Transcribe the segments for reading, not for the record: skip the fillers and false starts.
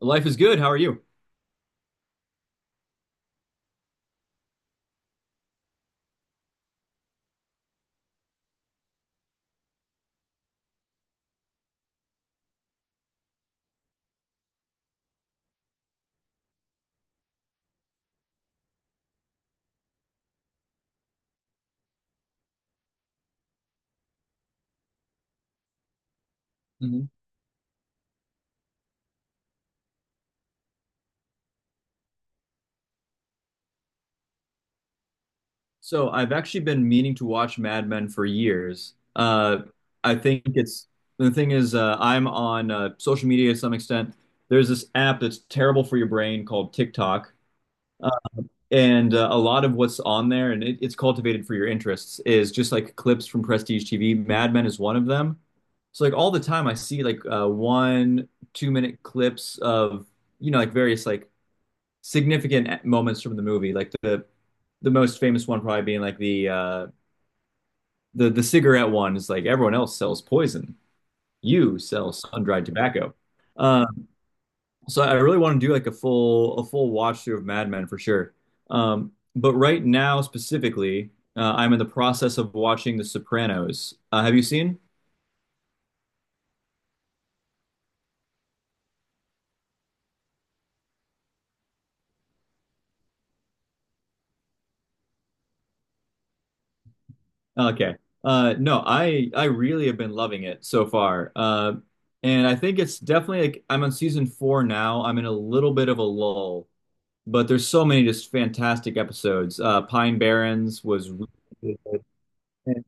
Life is good. How are you? Mhm. So I've actually been meaning to watch Mad Men for years. I think it's the thing is I'm on social media to some extent. There's this app that's terrible for your brain called TikTok, uh, and a lot of what's on there and it's cultivated for your interests is just like clips from prestige TV. Mad Men is one of them. So like all the time I see like one, 2 minute clips of you know like various like significant moments from the movie. Like the most famous one probably being like the cigarette one is like everyone else sells poison, you sell sun dried tobacco. Um, so I really want to do like a full watch through of Mad Men for sure. But right now specifically, I'm in the process of watching The Sopranos. Have you seen? Okay. No, I really have been loving it so far. And I think it's definitely like I'm on season four now. I'm in a little bit of a lull, but there's so many just fantastic episodes. Pine Barrens was really good. And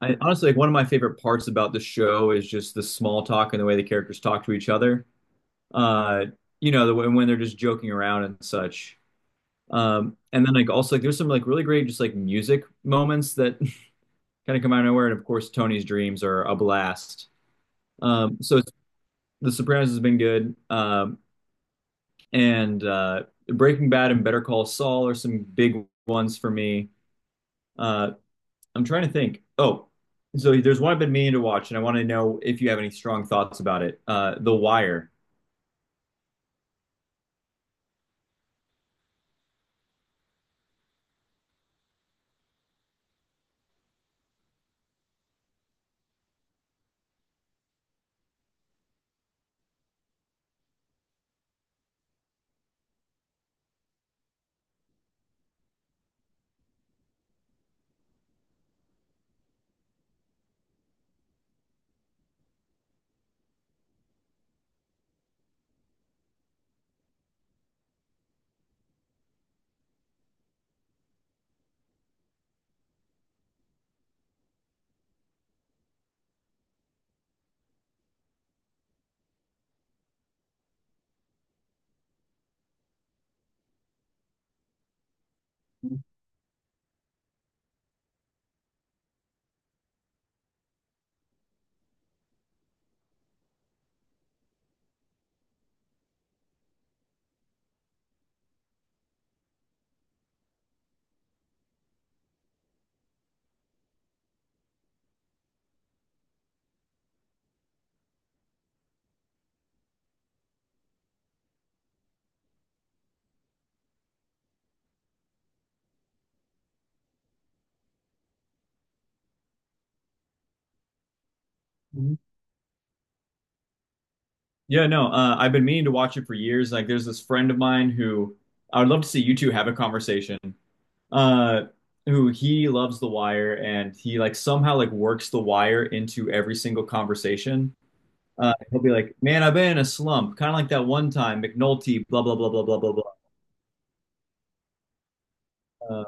honestly like one of my favorite parts about the show is just the small talk and the way the characters talk to each other. Uh, you know, the way when they're just joking around and such. And then like also like there's some like really great just like music moments that kind of come out of nowhere. And of course, Tony's dreams are a blast. So The Sopranos has been good, and Breaking Bad and Better Call Saul are some big ones for me. Uh, I'm trying to think. Oh, so there's one I've been meaning to watch, and I want to know if you have any strong thoughts about it. The Wire. Mhm. Yeah, no, I've been meaning to watch it for years. Like, there's this friend of mine who I would love to see you two have a conversation uh who he loves The Wire and he like somehow like works The Wire into every single conversation. He'll be like, "Man, I've been in a slump," kind of like that one time McNulty, blah blah blah blah blah blah blah. Uh,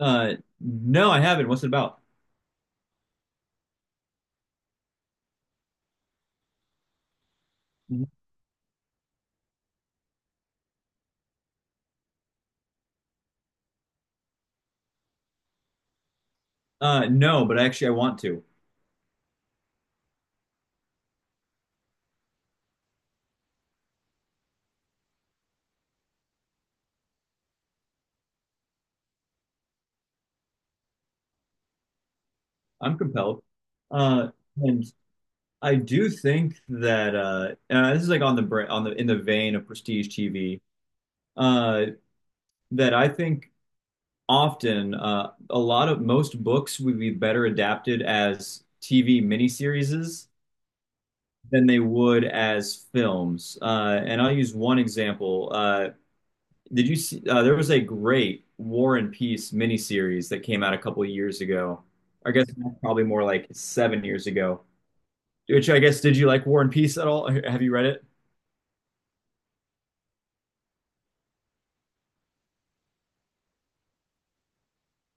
uh, no, I haven't. What's it about? No, but actually, I want to. I'm compelled, uh, and I do think that this is like on the in the vein of prestige TV. Uh, that I think often. A lot of most books would be better adapted as TV miniseries than they would as films. And I'll use one example. Did you see? There was a great War and Peace miniseries that came out a couple of years ago. I guess probably more like 7 years ago. Which I guess, did you like War and Peace at all? Have you read it?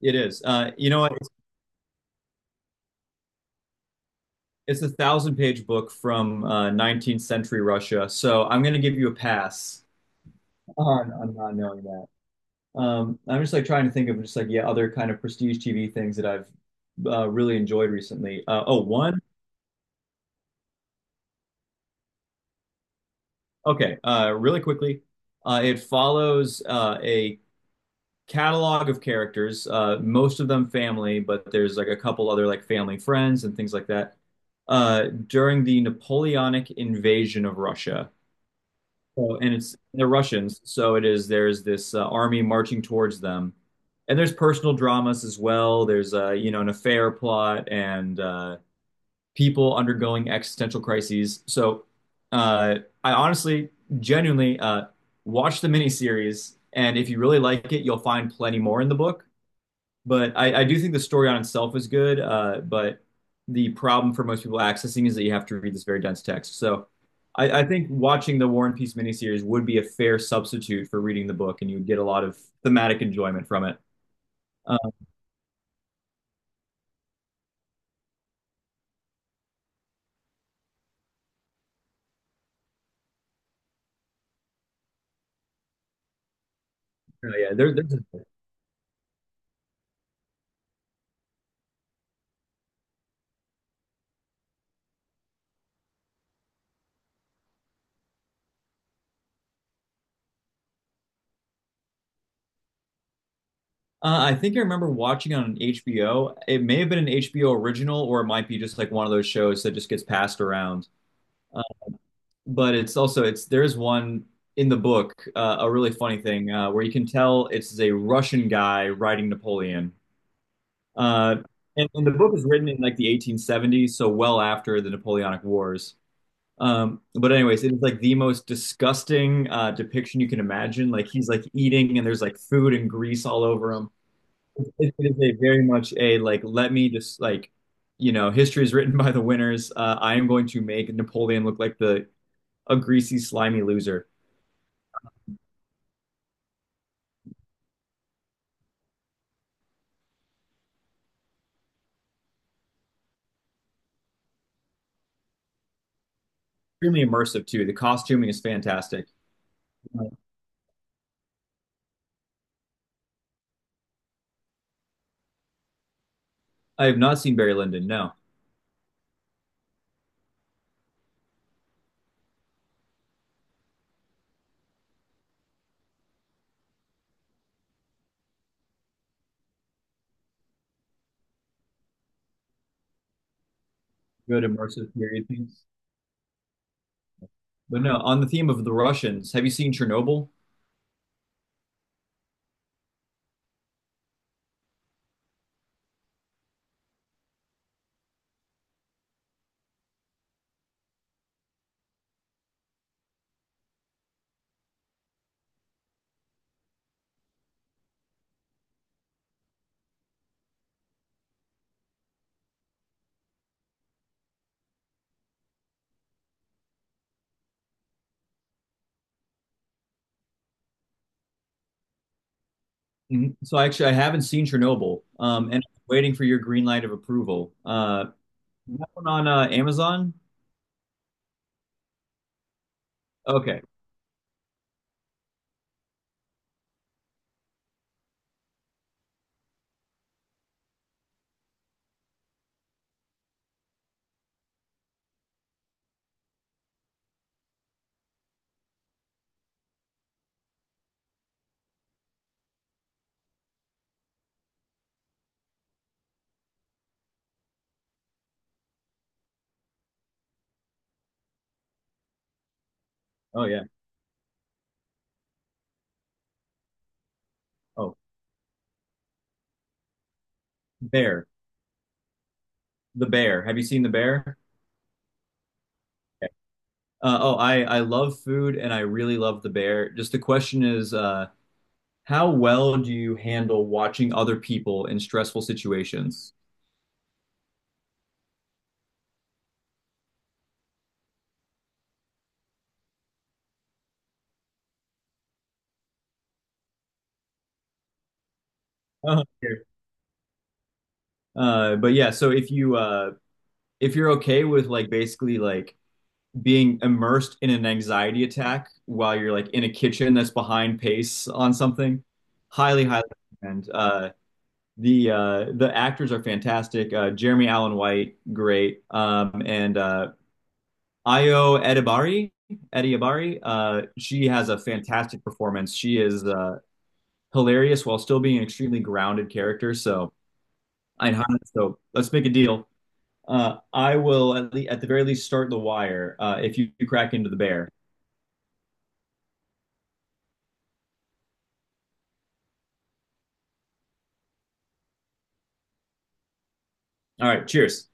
It is. You know what? It's a thousand page book from 19th century Russia. So I'm going to give you a pass on not knowing that. I'm just like trying to think of just like yeah, other kind of prestige TV things that I've really enjoyed recently. Oh, one. Okay, really quickly, it follows a catalog of characters, most of them family, but there's like a couple other like family friends and things like that. During the Napoleonic invasion of Russia, so, and it's they're Russians, so it is. There's this army marching towards them, and there's personal dramas as well. There's you know an affair plot and people undergoing existential crises. So, uh, I genuinely, watch the miniseries, and if you really like it, you'll find plenty more in the book. But I do think the story on itself is good. But the problem for most people accessing is that you have to read this very dense text. So I think watching the War and Peace miniseries would be a fair substitute for reading the book, and you would get a lot of thematic enjoyment from it. Um, so yeah, there's. A- I think I remember watching it on HBO. It may have been an HBO original, or it might be just like one of those shows that just gets passed around. But it's also it's there's one in the book a really funny thing where you can tell it's a Russian guy writing Napoleon. Uh, and the book is written in like the 1870s, so well after the Napoleonic Wars. But anyways, it is like the most disgusting depiction you can imagine. Like he's like eating and there's like food and grease all over him. It is a very much a like let me just like you know history is written by the winners. I am going to make Napoleon look like the a greasy slimy loser. Extremely immersive too. The costuming is fantastic. I have not seen Barry Lyndon. No, good immersive period things. But no, on the theme of the Russians, have you seen Chernobyl? Mhm. So actually, I haven't seen Chernobyl, and I'm waiting for your green light of approval. That one on Amazon? Okay. Oh yeah. Oh, Bear, the Bear. Have you seen the Bear? Okay. Oh, I love food and I really love the Bear. Just the question is, how well do you handle watching other people in stressful situations? Uh-huh. Here. But yeah, so if you if you're okay with like basically like being immersed in an anxiety attack while you're like in a kitchen that's behind pace on something, highly, highly recommend. The the actors are fantastic. Uh, Jeremy Allen White, great. And Ayo Edibari, uh, she has a fantastic performance. She is hilarious while still being an extremely grounded character, I so let's make a deal. I will le at the very least start the wire if you crack into the bear. All right, cheers.